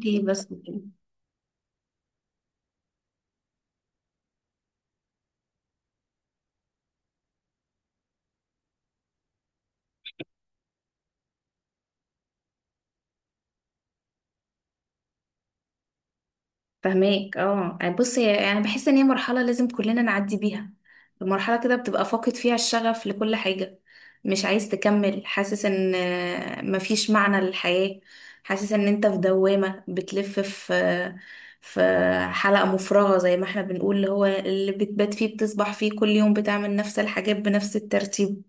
دي بس كده. فهماك، بص هي يعني بحس ان هي مرحلة لازم كلنا نعدي بيها. المرحلة كده بتبقى فاقد فيها الشغف لكل حاجة، مش عايز تكمل، حاسس ان مفيش معنى للحياة. حاسس ان انت في دوامة بتلف في حلقة مفرغة، زي ما احنا بنقول، اللي هو اللي بتبات فيه بتصبح فيه كل يوم بتعمل نفس الحاجات بنفس الترتيب.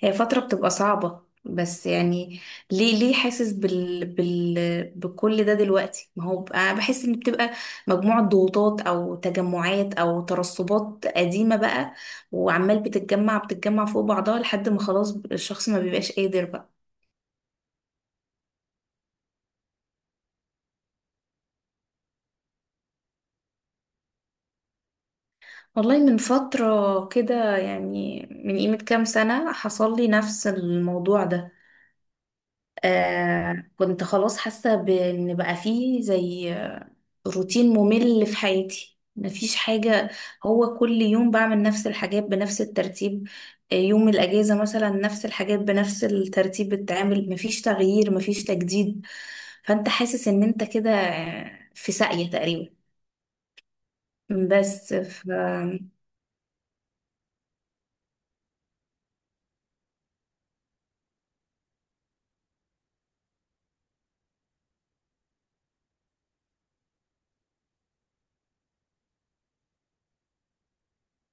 هي فترة بتبقى صعبة بس يعني ليه حاسس بكل ده دلوقتي؟ ما هو انا بحس ان بتبقى مجموعة ضغوطات او تجمعات او ترسبات قديمة بقى، وعمال بتتجمع بتتجمع فوق بعضها لحد ما خلاص الشخص ما بيبقاش قادر بقى. والله من فترة كده، يعني من قيمة كام سنة حصل لي نفس الموضوع ده. آه كنت خلاص حاسة بإن بقى فيه زي روتين ممل في حياتي، مفيش حاجة، هو كل يوم بعمل نفس الحاجات بنفس الترتيب. يوم الأجازة مثلا نفس الحاجات بنفس الترتيب بتتعمل، مفيش تغيير، مفيش تجديد. فأنت حاسس إن أنت كده في ساقية تقريبا، بس.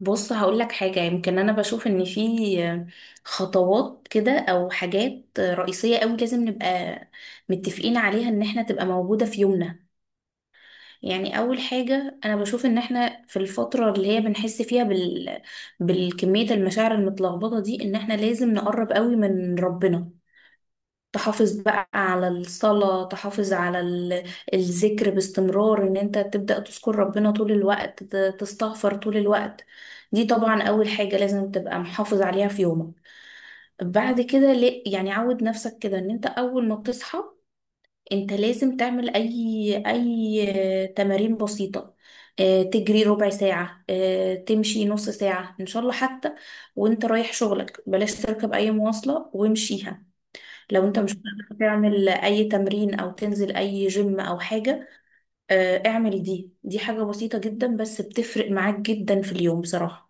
بص هقول لك حاجة، يمكن أنا بشوف إن في خطوات كده أو حاجات رئيسية أوي لازم نبقى متفقين عليها إن إحنا تبقى موجودة في يومنا. يعني أول حاجة أنا بشوف إن إحنا في الفترة اللي هي بنحس فيها بالكمية المشاعر المتلخبطة دي، إن إحنا لازم نقرب أوي من ربنا. تحافظ بقى على الصلاة، تحافظ على الذكر باستمرار، ان انت تبدأ تذكر ربنا طول الوقت، تستغفر طول الوقت. دي طبعا اول حاجة لازم تبقى محافظ عليها في يومك. بعد كده يعني عود نفسك كده ان انت اول ما بتصحى انت لازم تعمل اي تمارين بسيطة. تجري ربع ساعة، تمشي نص ساعة إن شاء الله، حتى وانت رايح شغلك بلاش تركب أي مواصلة، وامشيها. لو انت مش قادر تعمل اي تمرين او تنزل اي جيم او حاجة، اعمل دي حاجة بسيطة جدا بس بتفرق معاك جدا في اليوم بصراحة.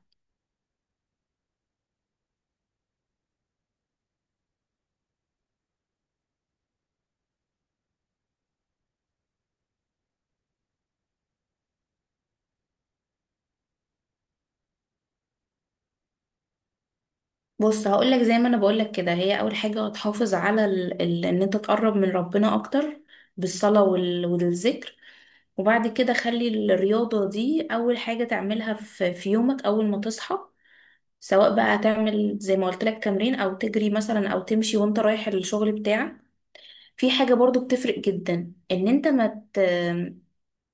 بص هقولك، زي ما انا بقولك كده، هي اول حاجة هتحافظ على ان انت تقرب من ربنا اكتر بالصلاة والذكر. وبعد كده خلي الرياضة دي اول حاجة تعملها في يومك، اول ما تصحى، سواء بقى هتعمل زي ما قلت لك تمرين او تجري مثلا او تمشي وانت رايح الشغل بتاعك. في حاجة برضو بتفرق جدا ان انت ما مت...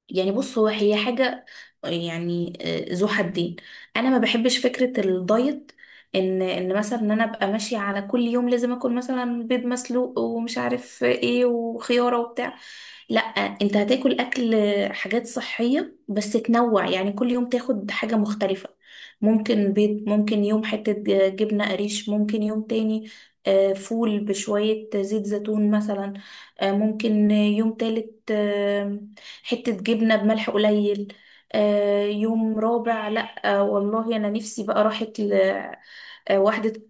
يعني بص هي حاجة يعني ذو حدين. انا ما بحبش فكرة الدايت، ان مثلا ان انا ابقى ماشية على كل يوم لازم اكل مثلا بيض مسلوق ومش عارف ايه وخيارة وبتاع. لا، انت هتاكل اكل حاجات صحية بس تنوع، يعني كل يوم تاخد حاجة مختلفة. ممكن بيض، ممكن يوم حتة جبنة قريش، ممكن يوم تاني فول بشوية زيت زيتون مثلا، ممكن يوم تالت حتة جبنة بملح قليل. يوم رابع، لأ، والله أنا نفسي بقى راحت لوحدة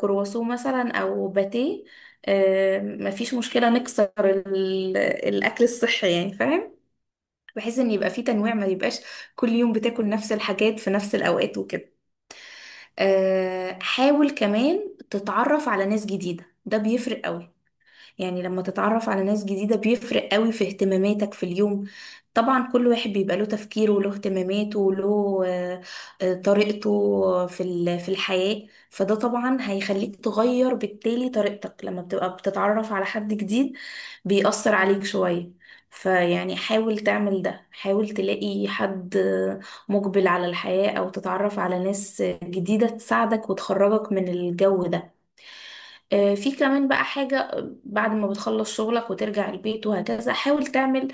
كرواسون مثلا أو باتيه. مفيش مشكلة نكسر الأكل الصحي، يعني فاهم، بحيث إن يبقى فيه تنويع، ما يبقاش كل يوم بتاكل نفس الحاجات في نفس الأوقات وكده. حاول كمان تتعرف على ناس جديدة، ده بيفرق قوي. يعني لما تتعرف على ناس جديدة بيفرق قوي في اهتماماتك في اليوم. طبعا كل واحد بيبقى له تفكيره وله اهتماماته وله طريقته في في الحياة، فده طبعا هيخليك تغير بالتالي طريقتك لما بتبقى بتتعرف على حد جديد، بيأثر عليك شوية. فيعني حاول تعمل ده، حاول تلاقي حد مقبل على الحياة، أو تتعرف على ناس جديدة تساعدك وتخرجك من الجو ده. في كمان بقى حاجة، بعد ما بتخلص شغلك وترجع البيت وهكذا حاول تعمل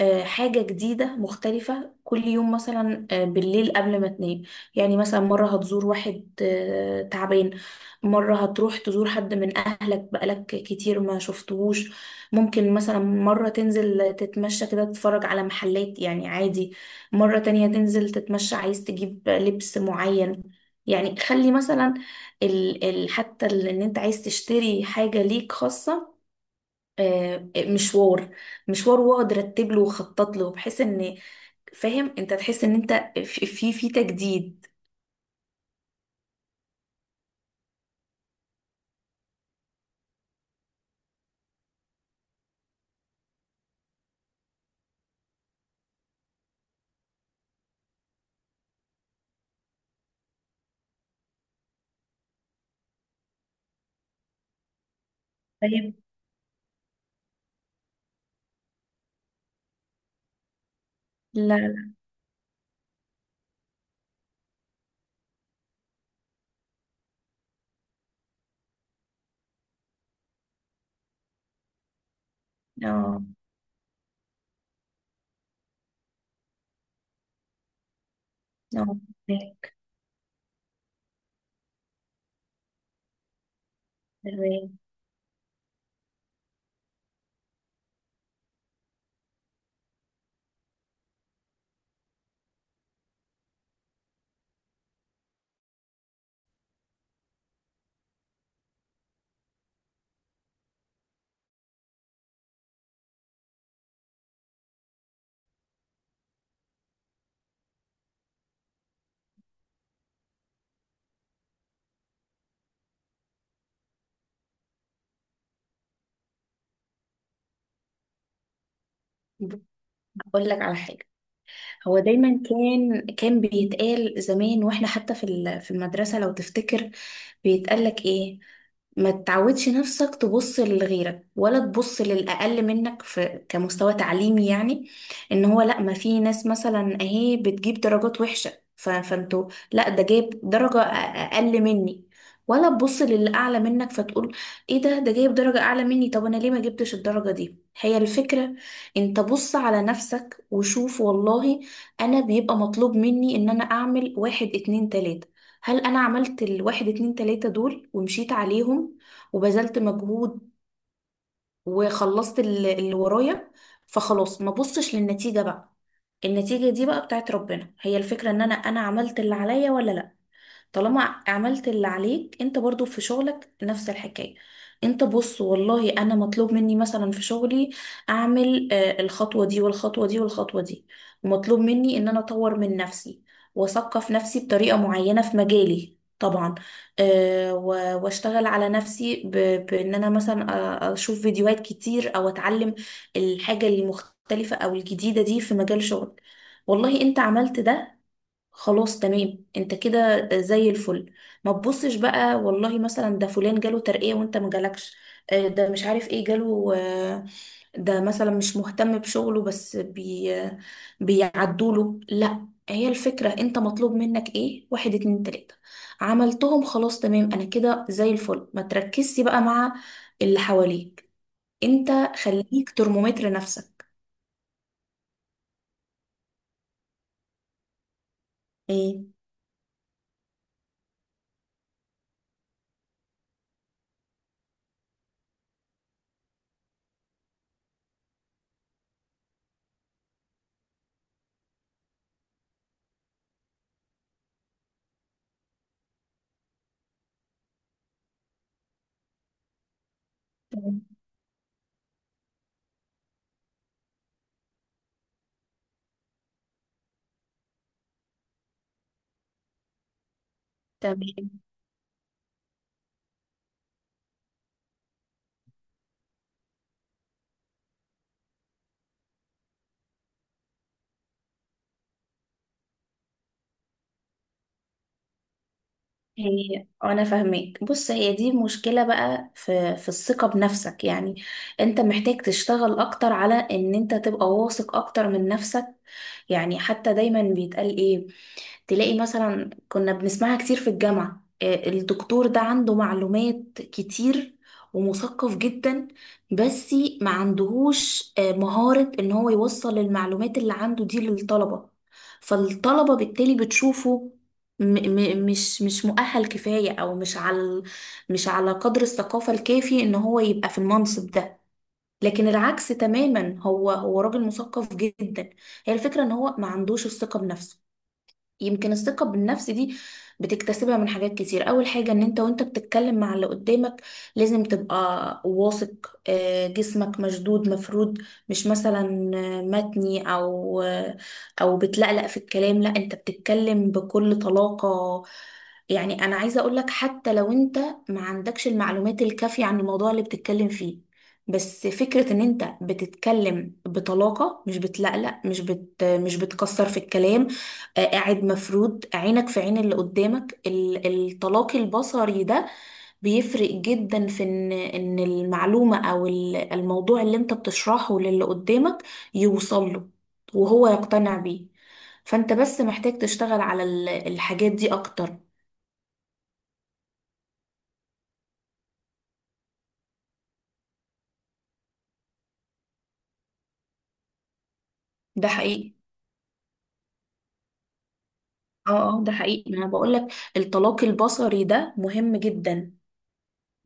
حاجة جديدة مختلفة كل يوم، مثلا بالليل قبل ما تنام. يعني مثلا مرة هتزور واحد تعبان، مرة هتروح تزور حد من أهلك بقالك كتير ما شفتهوش، ممكن مثلا مرة تنزل تتمشى كده تتفرج على محلات يعني عادي، مرة تانية تنزل تتمشى عايز تجيب لبس معين. يعني خلي مثلا ان انت عايز تشتري حاجة ليك خاصة، آه، مشوار مشوار واقعد رتب له وخطط له، بحيث ان فاهم انت تحس ان انت في تجديد. فاهم، لا، لا، لا، فاهمك، فاهمك. بقول لك على حاجة، هو دايما كان بيتقال زمان، واحنا حتى في المدرسة لو تفتكر، بيتقال لك ايه؟ ما تعودش نفسك تبص لغيرك ولا تبص للأقل منك في كمستوى تعليمي، يعني ان هو لا، ما في ناس مثلا اهي بتجيب درجات وحشة، فانتوا لا، ده جايب درجة أقل مني، ولا تبص للي أعلى منك فتقول ايه ده ده جايب درجة أعلى مني، طب أنا ليه ما جبتش الدرجة دي. هي الفكرة، انت بص على نفسك وشوف، والله انا بيبقى مطلوب مني ان انا اعمل واحد اتنين تلاتة، هل انا عملت الواحد اتنين تلاتة دول ومشيت عليهم وبذلت مجهود وخلصت اللي ورايا؟ فخلاص، ما بصش للنتيجة بقى، النتيجة دي بقى بتاعت ربنا. هي الفكرة ان انا عملت اللي عليا ولا لا. طالما عملت اللي عليك، انت برضو في شغلك نفس الحكاية، انت بص، والله انا مطلوب مني مثلا في شغلي اعمل الخطوة دي والخطوة دي والخطوة دي، ومطلوب مني ان انا اطور من نفسي واثقف نفسي بطريقة معينة في مجالي طبعا، واشتغل على نفسي بان انا مثلا اشوف فيديوهات كتير او اتعلم الحاجة المختلفة او الجديدة دي في مجال شغل. والله انت عملت ده، خلاص تمام، انت كده زي الفل. ما تبصش بقى، والله مثلا ده فلان جاله ترقية وانت ما جالكش، ده مش عارف ايه جاله، ده مثلا مش مهتم بشغله بس بيعدوله، لا، هي الفكرة، انت مطلوب منك ايه؟ واحد اتنين تلاتة، عملتهم خلاص تمام، انا كده زي الفل، ما تركزش بقى مع اللي حواليك، انت خليك ترمومتر نفسك. ايه، تمام، تمام. هي انا فاهمك، بص هي دي مشكلة بقى في الثقة بنفسك، يعني انت محتاج تشتغل اكتر على ان انت تبقى واثق اكتر من نفسك. يعني حتى دايما بيتقال ايه؟ تلاقي مثلا كنا بنسمعها كتير في الجامعة، الدكتور ده عنده معلومات كتير ومثقف جدا، بس ما عندهوش مهارة ان هو يوصل المعلومات اللي عنده دي للطلبة، فالطلبة بالتالي بتشوفه م م مش مؤهل كفاية او مش على قدر الثقافة الكافي ان هو يبقى في المنصب ده. لكن العكس تماما، هو راجل مثقف جدا، هي الفكرة ان هو ما عندوش الثقة بنفسه. يمكن الثقة بالنفس دي بتكتسبها من حاجات كتير، أول حاجة إن أنت وأنت بتتكلم مع اللي قدامك لازم تبقى واثق، جسمك مشدود مفرود، مش مثلا متني أو أو بتلقلق في الكلام، لا أنت بتتكلم بكل طلاقة. يعني أنا عايزة أقولك حتى لو أنت ما عندكش المعلومات الكافية عن الموضوع اللي بتتكلم فيه، بس فكرة ان انت بتتكلم بطلاقة، مش بتلقلق، مش بتكسر في الكلام، قاعد، مفروض عينك في عين اللي قدامك، الطلاق البصري ده بيفرق جدا في ان المعلومة او الموضوع اللي انت بتشرحه للي قدامك يوصل له وهو يقتنع بيه. فانت بس محتاج تشتغل على الحاجات دي اكتر. ده حقيقي. اه، اه، ده حقيقي، ما انا بقولك، الطلاق البصري ده مهم جدا،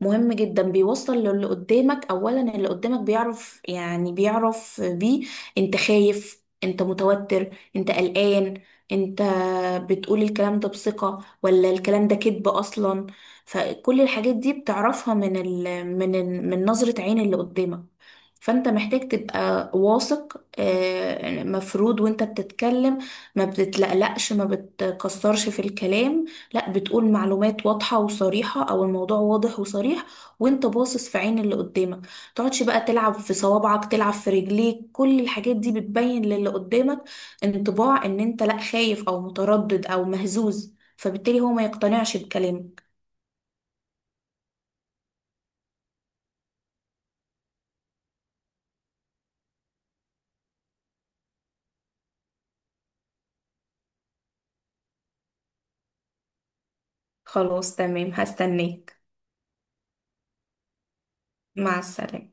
مهم جدا، بيوصل للي قدامك اولا، اللي قدامك بيعرف يعني بيعرف بيه انت خايف، انت متوتر، انت قلقان، انت بتقول الكلام ده بثقة ولا الكلام ده كذب اصلا. فكل الحاجات دي بتعرفها من نظرة عين اللي قدامك. فانت محتاج تبقى واثق، مفروض وانت بتتكلم ما بتتلقلقش، ما بتكسرش في الكلام، لا، بتقول معلومات واضحة وصريحة او الموضوع واضح وصريح، وانت باصص في عين اللي قدامك. تقعدش بقى تلعب في صوابعك، تلعب في رجليك، كل الحاجات دي بتبين للي قدامك انطباع ان انت لا خايف او متردد او مهزوز، فبالتالي هو ما يقتنعش بكلامك. خلاص تمام، هستناك. مع السلامة.